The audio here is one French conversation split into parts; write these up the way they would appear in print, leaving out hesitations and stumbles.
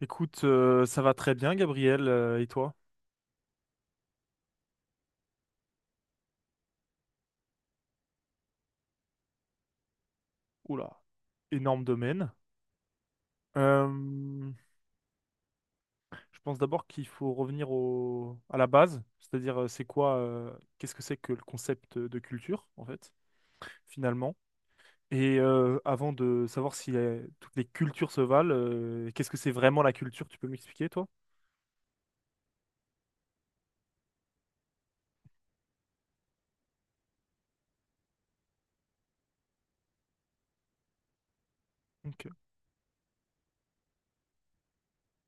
Écoute, ça va très bien, Gabriel, et toi? Oula, énorme domaine. Euh, je pense d'abord qu'il faut revenir à la base, c'est-à-dire c'est quoi, qu'est-ce que c'est que le concept de culture, en fait, finalement. Et avant de savoir si toutes les cultures se valent, qu'est-ce que c'est vraiment la culture? Tu peux m'expliquer, toi? Ok,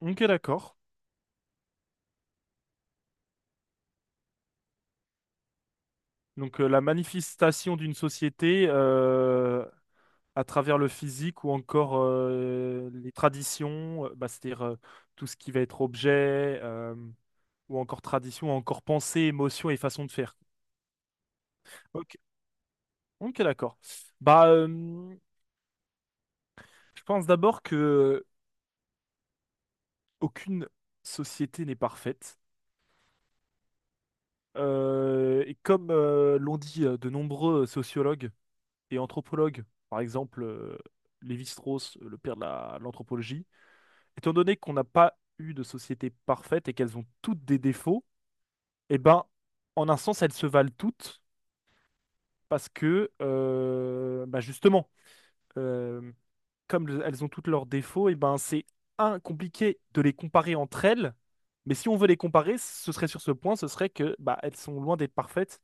ok, d'accord. Donc la manifestation d'une société à travers le physique ou encore les traditions, bah, c'est-à-dire tout ce qui va être objet, ou encore tradition, ou encore pensée, émotion et façon de faire. Ok, ok, d'accord. Bah, je pense d'abord que aucune société n'est parfaite. Et comme l'ont dit de nombreux sociologues et anthropologues, par exemple Lévi-Strauss, le père de l'anthropologie, étant donné qu'on n'a pas eu de société parfaite et qu'elles ont toutes des défauts, eh ben, en un sens, elles se valent toutes parce que, bah justement, euh, comme elles ont toutes leurs défauts, et ben, c'est compliqué de les comparer entre elles. Mais si on veut les comparer, ce serait sur ce point, ce serait que bah, elles sont loin d'être parfaites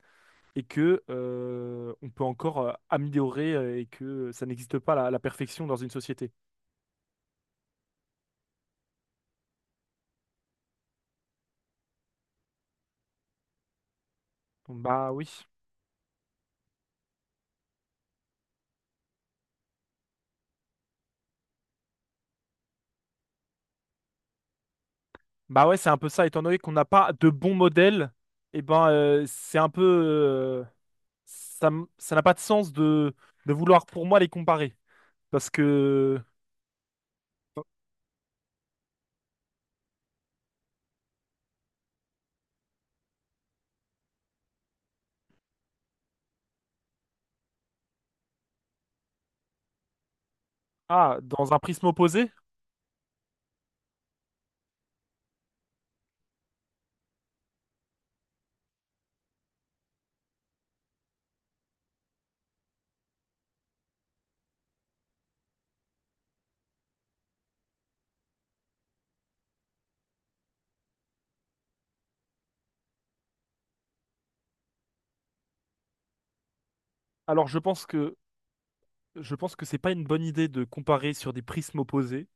et que on peut encore améliorer et que ça n'existe pas la perfection dans une société. Donc, bah oui. Bah ouais, c'est un peu ça. Étant donné qu'on n'a pas de bons modèles, et ben, c'est un peu. Ça n'a pas de sens de vouloir pour moi les comparer. Parce que, ah, dans un prisme opposé, alors je pense que c'est pas une bonne idée de comparer sur des prismes opposés.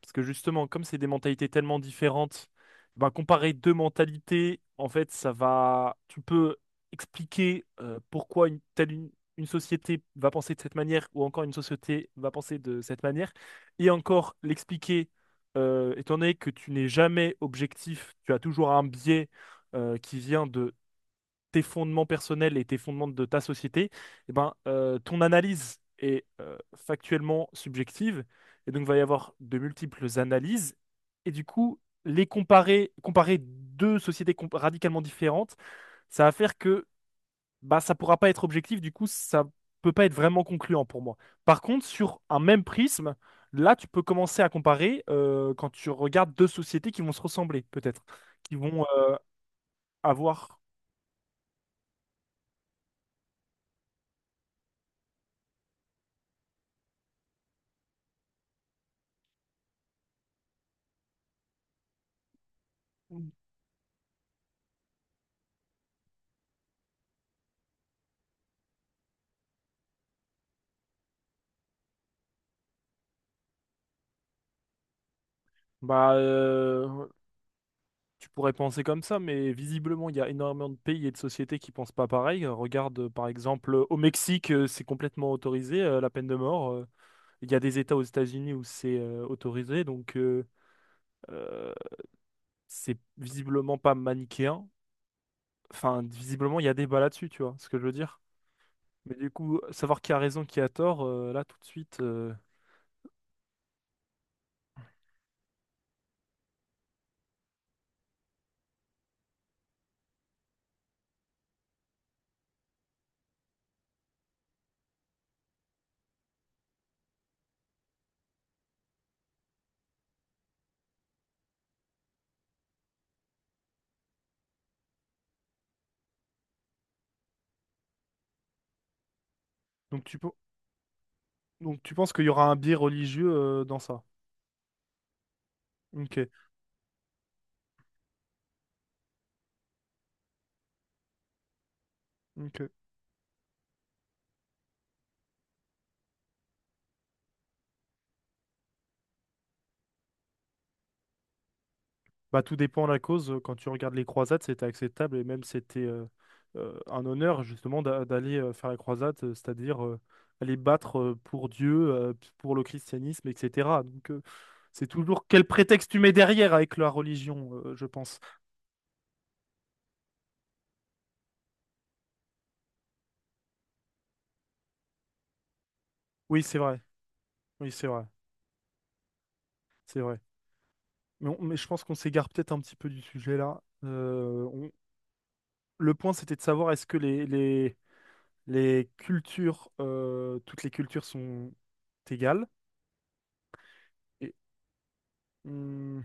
Parce que justement, comme c'est des mentalités tellement différentes, ben, comparer deux mentalités, en fait, ça va. Tu peux expliquer pourquoi une société va penser de cette manière ou encore une société va penser de cette manière, et encore l'expliquer. Étant donné que tu n'es jamais objectif, tu as toujours un biais qui vient de tes fondements personnels et tes fondements de ta société, eh ben, ton analyse est factuellement subjective. Et donc, il va y avoir de multiples analyses. Et du coup, les comparer, comparer deux sociétés radicalement différentes, ça va faire que bah, ça pourra pas être objectif. Du coup, ça peut pas être vraiment concluant pour moi. Par contre, sur un même prisme, là, tu peux commencer à comparer quand tu regardes deux sociétés qui vont se ressembler, peut-être, qui vont avoir. Bah, tu pourrais penser comme ça, mais visiblement, il y a énormément de pays et de sociétés qui pensent pas pareil. Regarde, par exemple, au Mexique, c'est complètement autorisé, la peine de mort. Il y a des États aux États-Unis où c'est autorisé, donc euh, c'est visiblement pas manichéen. Enfin, visiblement, il y a débat là-dessus, tu vois ce que je veux dire. Mais du coup, savoir qui a raison, qui a tort, là, tout de suite. Donc tu, pe- Donc, tu penses qu'il y aura un biais religieux dans ça? Ok, ok. Bah, tout dépend de la cause. Quand tu regardes les croisades, c'était acceptable et même c'était un honneur justement d'aller faire la croisade, c'est-à-dire aller battre pour Dieu, pour le christianisme, etc. Donc c'est toujours quel prétexte tu mets derrière avec la religion, je pense. Oui, c'est vrai. Oui, c'est vrai. C'est vrai. Mais je pense qu'on s'égare peut-être un petit peu du sujet là. Le point, c'était de savoir est-ce que les cultures, toutes les cultures sont égales. Et, hmm,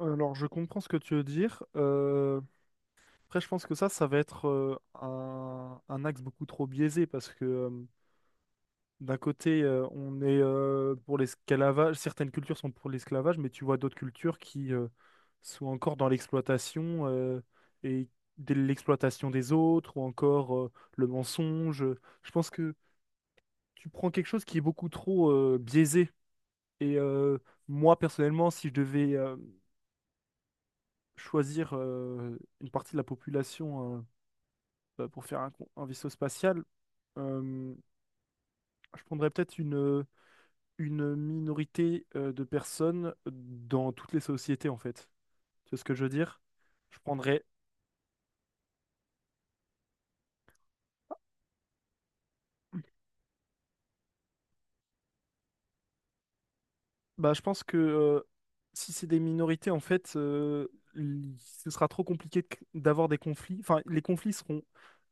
alors, je comprends ce que tu veux dire. Après, je pense que ça va être un axe beaucoup trop biaisé parce que d'un côté, on est pour l'esclavage, certaines cultures sont pour l'esclavage, mais tu vois d'autres cultures qui sont encore dans l'exploitation et de l'exploitation des autres ou encore le mensonge. Je pense que tu prends quelque chose qui est beaucoup trop biaisé. Et moi, personnellement, si je devais choisir une partie de la population pour faire un vaisseau spatial, euh, je prendrais peut-être une minorité de personnes dans toutes les sociétés, en fait. Tu vois ce que je veux dire? Je prendrais... Bah, je pense que si c'est des minorités, en fait, ce sera trop compliqué de d'avoir des conflits. Enfin, les conflits seront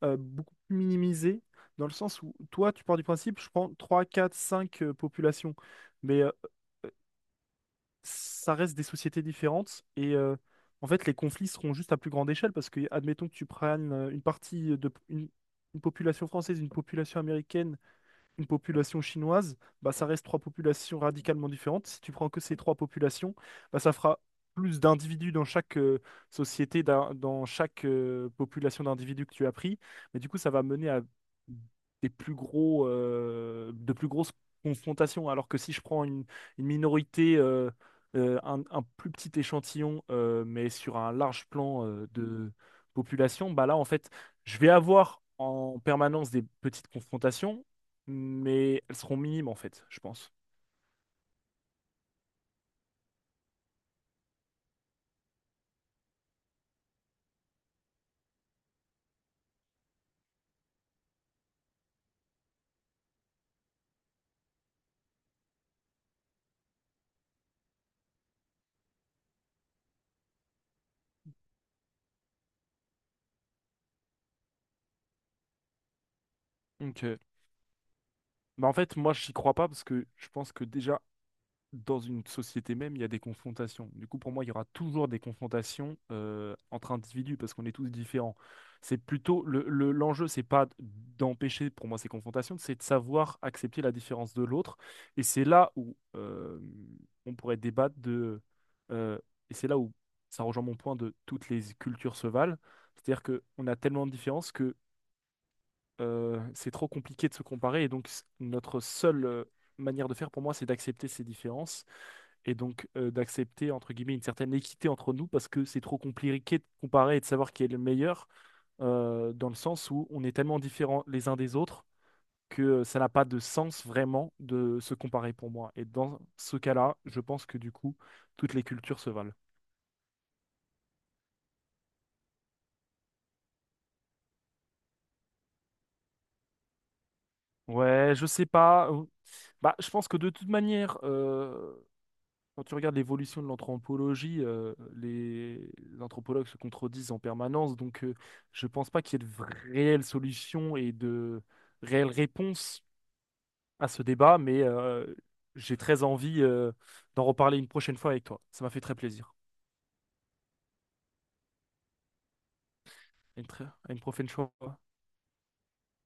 beaucoup plus minimisés, dans le sens où toi, tu pars du principe, je prends 3 4 5 populations. Mais ça reste des sociétés différentes et en fait les conflits seront juste à plus grande échelle parce que admettons que tu prennes une partie une population française, une population américaine une population chinoise, bah, ça reste trois populations radicalement différentes. Si tu prends que ces trois populations, bah, ça fera plus d'individus dans chaque société, dans chaque population d'individus que tu as pris. Mais du coup, ça va mener à de plus grosses confrontations. Alors que si je prends une minorité, un plus petit échantillon, mais sur un large plan de population, bah là, en fait, je vais avoir en permanence des petites confrontations, mais elles seront minimes en fait, je pense. Donc, ouais, bah en fait, moi, j'y crois pas parce que je pense que déjà, dans une société même, il y a des confrontations. Du coup, pour moi, il y aura toujours des confrontations entre individus parce qu'on est tous différents. C'est plutôt l'enjeu, c'est pas d'empêcher pour moi ces confrontations, c'est de savoir accepter la différence de l'autre. Et c'est là où on pourrait débattre de. euh, et c'est là où ça rejoint mon point de toutes les cultures se valent. C'est-à-dire qu'on a tellement de différences c'est trop compliqué de se comparer. Et donc, notre seule manière de faire pour moi, c'est d'accepter ces différences et donc d'accepter, entre guillemets, une certaine équité entre nous parce que c'est trop compliqué de comparer et de savoir qui est le meilleur dans le sens où on est tellement différents les uns des autres que ça n'a pas de sens vraiment de se comparer pour moi. Et dans ce cas-là, je pense que du coup, toutes les cultures se valent. Ouais, je sais pas. Bah, je pense que de toute manière, quand tu regardes l'évolution de l'anthropologie, les anthropologues se contredisent en permanence, donc je pense pas qu'il y ait de réelles solutions et de réelles réponses à ce débat, mais j'ai très envie d'en reparler une prochaine fois avec toi. Ça m'a fait très plaisir. À une prochaine fois.